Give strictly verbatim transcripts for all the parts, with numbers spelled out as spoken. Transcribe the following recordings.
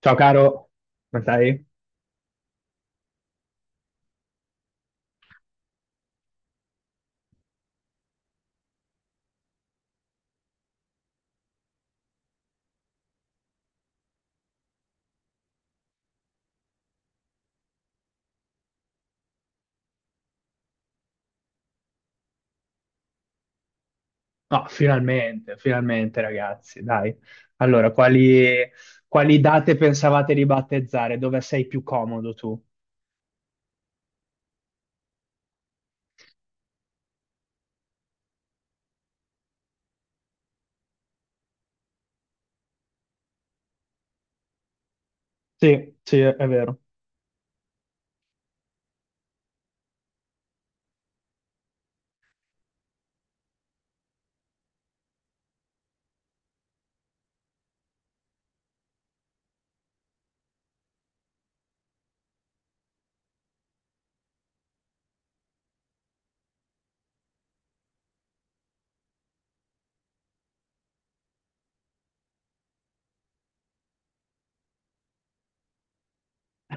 Ciao caro, come stai? No, finalmente, finalmente ragazzi, dai. Allora, quali, quali date pensavate di battezzare? Dove sei più comodo tu? Sì, sì, è vero.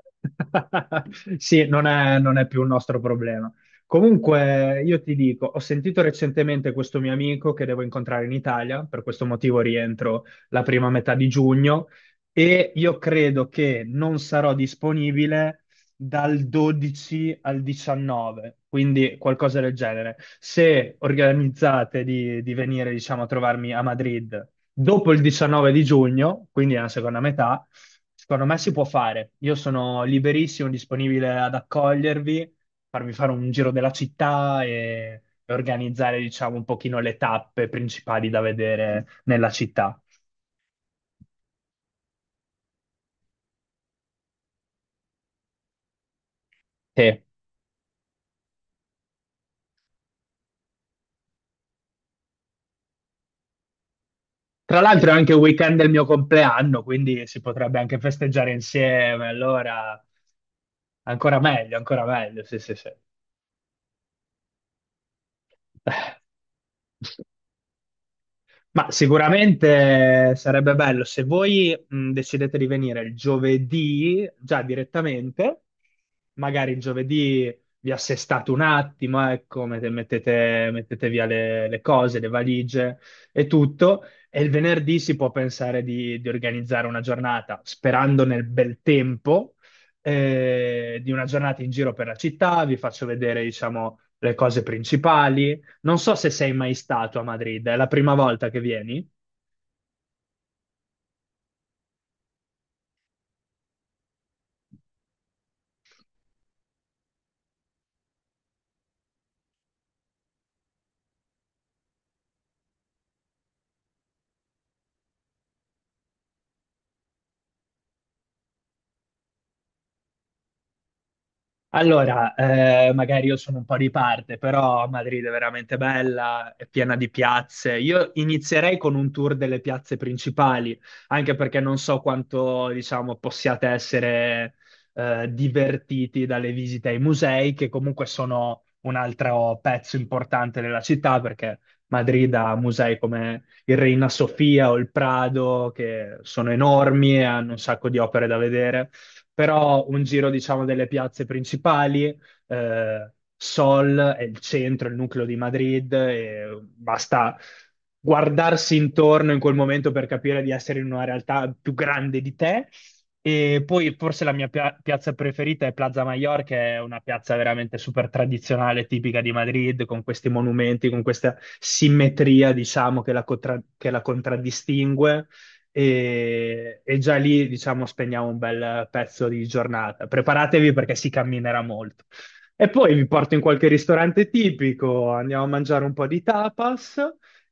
Sì, non è, non è più un nostro problema. Comunque, io ti dico, ho sentito recentemente questo mio amico che devo incontrare in Italia, per questo motivo rientro la prima metà di giugno e io credo che non sarò disponibile dal dodici al diciannove, quindi qualcosa del genere. Se organizzate di, di venire, diciamo, a trovarmi a Madrid dopo il diciannove di giugno, quindi nella seconda metà, secondo me si può fare. Io sono liberissimo, disponibile ad accogliervi, farvi fare un giro della città e, e organizzare, diciamo, un pochino le tappe principali da vedere nella città. Che, tra l'altro è anche il weekend del mio compleanno, quindi si potrebbe anche festeggiare insieme, allora ancora meglio, ancora meglio, sì, sì, sì. Ma sicuramente sarebbe bello se voi mh, decidete di venire il giovedì già direttamente, magari il giovedì vi assestate un attimo, ecco, mette- mettete, mettete via le, le cose, le valigie e tutto, e il venerdì si può pensare di, di organizzare una giornata, sperando nel bel tempo, eh, di una giornata in giro per la città, vi faccio vedere, diciamo, le cose principali. Non so se sei mai stato a Madrid, è la prima volta che vieni? Allora, eh, magari io sono un po' di parte, però Madrid è veramente bella, è piena di piazze. Io inizierei con un tour delle piazze principali, anche perché non so quanto, diciamo, possiate essere eh, divertiti dalle visite ai musei, che comunque sono un altro pezzo importante della città, perché Madrid ha musei come il Reina Sofia o il Prado, che sono enormi e hanno un sacco di opere da vedere. Però un giro, diciamo, delle piazze principali, eh, Sol è il centro, il nucleo di Madrid, e basta guardarsi intorno in quel momento per capire di essere in una realtà più grande di te. E poi forse la mia pia- piazza preferita è Plaza Mayor, che è una piazza veramente super tradizionale, tipica di Madrid, con questi monumenti, con questa simmetria, diciamo, che la, contra- che la contraddistingue e, e già lì, diciamo, spegniamo un bel pezzo di giornata. Preparatevi perché si camminerà molto. E poi vi porto in qualche ristorante tipico, andiamo a mangiare un po' di tapas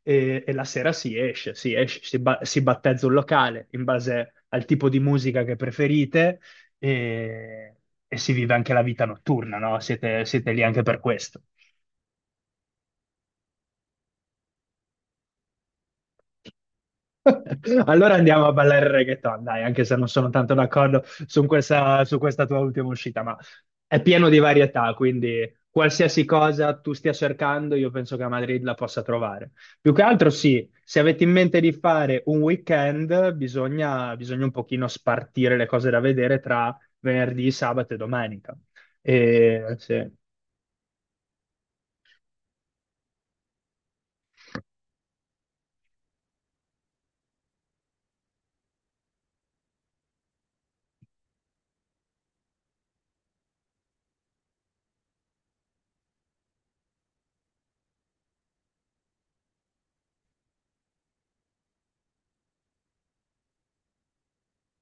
e, e la sera si esce, si esce, si, ba- si battezza un locale in base al tipo di musica che preferite e, e si vive anche la vita notturna, no? Siete, siete lì anche per questo. Allora andiamo a ballare il reggaeton, dai, anche se non sono tanto d'accordo su questa, su questa tua ultima uscita, ma è pieno di varietà, quindi qualsiasi cosa tu stia cercando, io penso che a Madrid la possa trovare. Più che altro sì, se avete in mente di fare un weekend, bisogna, bisogna un pochino spartire le cose da vedere tra venerdì, sabato e domenica. E, sì.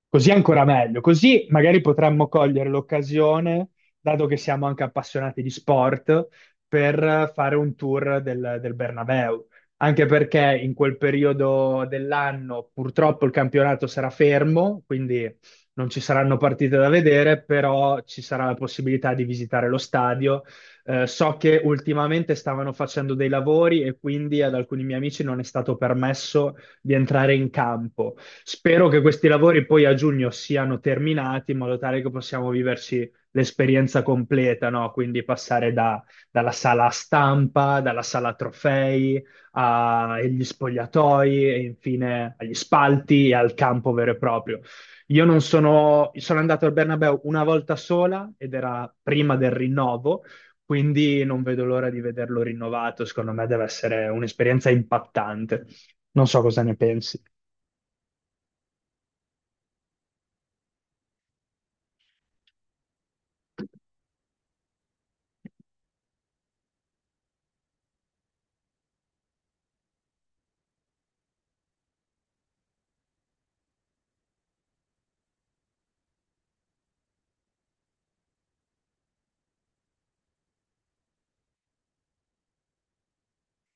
Così è ancora meglio, così magari potremmo cogliere l'occasione, dato che siamo anche appassionati di sport, per fare un tour del, del Bernabeu. Anche perché in quel periodo dell'anno purtroppo il campionato sarà fermo, quindi non ci saranno partite da vedere, però ci sarà la possibilità di visitare lo stadio. Eh, so che ultimamente stavano facendo dei lavori e quindi ad alcuni miei amici non è stato permesso di entrare in campo. Spero che questi lavori poi a giugno siano terminati in modo tale che possiamo viverci l'esperienza completa, no? Quindi passare da- dalla sala stampa, dalla sala trofei, a- agli spogliatoi e infine agli spalti e al campo vero e proprio. Io non sono, Sono andato al Bernabéu una volta sola ed era prima del rinnovo, quindi non vedo l'ora di vederlo rinnovato. Secondo me deve essere un'esperienza impattante. Non so cosa ne pensi.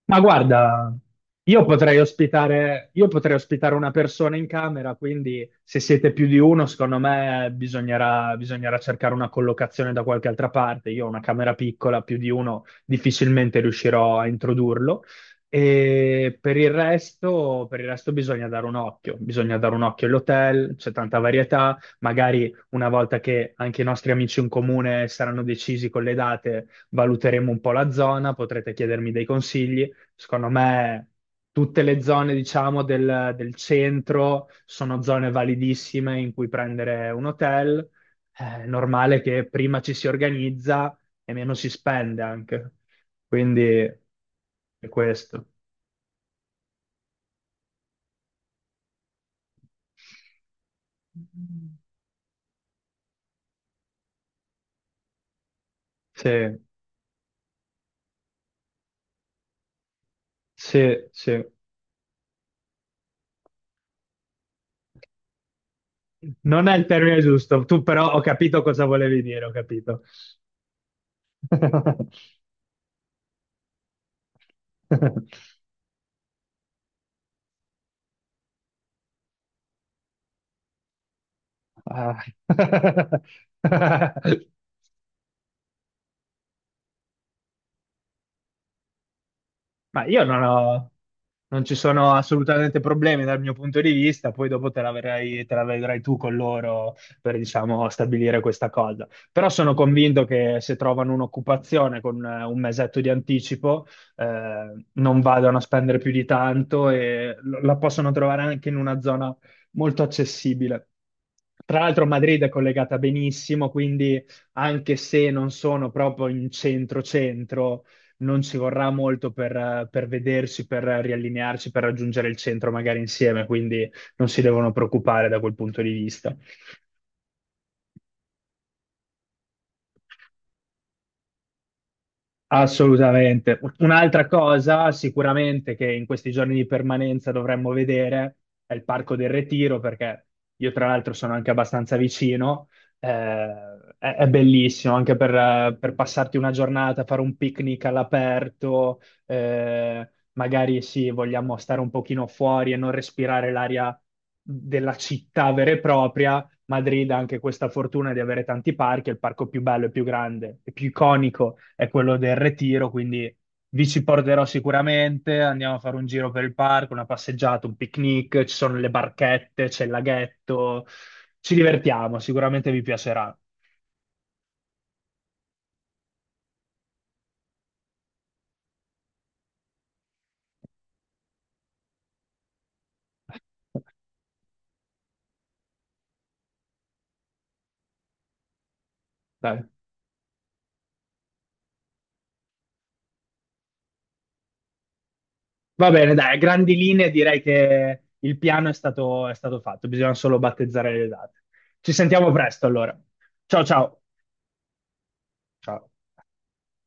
Ma guarda, io potrei ospitare, io potrei ospitare una persona in camera, quindi se siete più di uno, secondo me bisognerà, bisognerà cercare una collocazione da qualche altra parte. Io ho una camera piccola, più di uno difficilmente riuscirò a introdurlo. E per il resto, per il resto bisogna dare un occhio, bisogna dare un occhio all'hotel, c'è tanta varietà, magari una volta che anche i nostri amici in comune saranno decisi con le date, valuteremo un po' la zona, potrete chiedermi dei consigli. Secondo me tutte le zone, diciamo, del, del centro sono zone validissime in cui prendere un hotel. È normale che prima ci si organizza e meno si spende anche. Quindi è questo. Sì, sì, sì. Non è il termine giusto. Tu però ho capito cosa volevi dire, ho capito. Ah. Ma io non ho, Non ci sono assolutamente problemi dal mio punto di vista, poi dopo te la verrai, te la vedrai tu con loro per, diciamo, stabilire questa cosa. Però sono convinto che se trovano un'occupazione con eh, un mesetto di anticipo, eh, non vadano a spendere più di tanto e lo- la possono trovare anche in una zona molto accessibile. Tra l'altro Madrid è collegata benissimo, quindi anche se non sono proprio in centro-centro, non ci vorrà molto per, eh, per vedersi, per riallinearci, per raggiungere il centro magari insieme, quindi non si devono preoccupare da quel punto di vista. Assolutamente. Un'altra cosa sicuramente che in questi giorni di permanenza dovremmo vedere è il Parco del Retiro, perché io tra l'altro sono anche abbastanza vicino. Eh, è, è bellissimo anche per, eh, per passarti una giornata, fare un picnic all'aperto, eh, magari sì, vogliamo stare un pochino fuori e non respirare l'aria della città vera e propria. Madrid ha anche questa fortuna di avere tanti parchi, il parco più bello e più grande e più iconico è quello del Retiro, quindi vi ci porterò sicuramente, andiamo a fare un giro per il parco, una passeggiata, un picnic, ci sono le barchette, c'è il laghetto, ci divertiamo, sicuramente vi piacerà. Dai. Va bene, dai, a grandi linee direi che il piano è stato, è stato fatto, bisogna solo battezzare le date. Ci sentiamo presto allora. Ciao ciao. Ciao.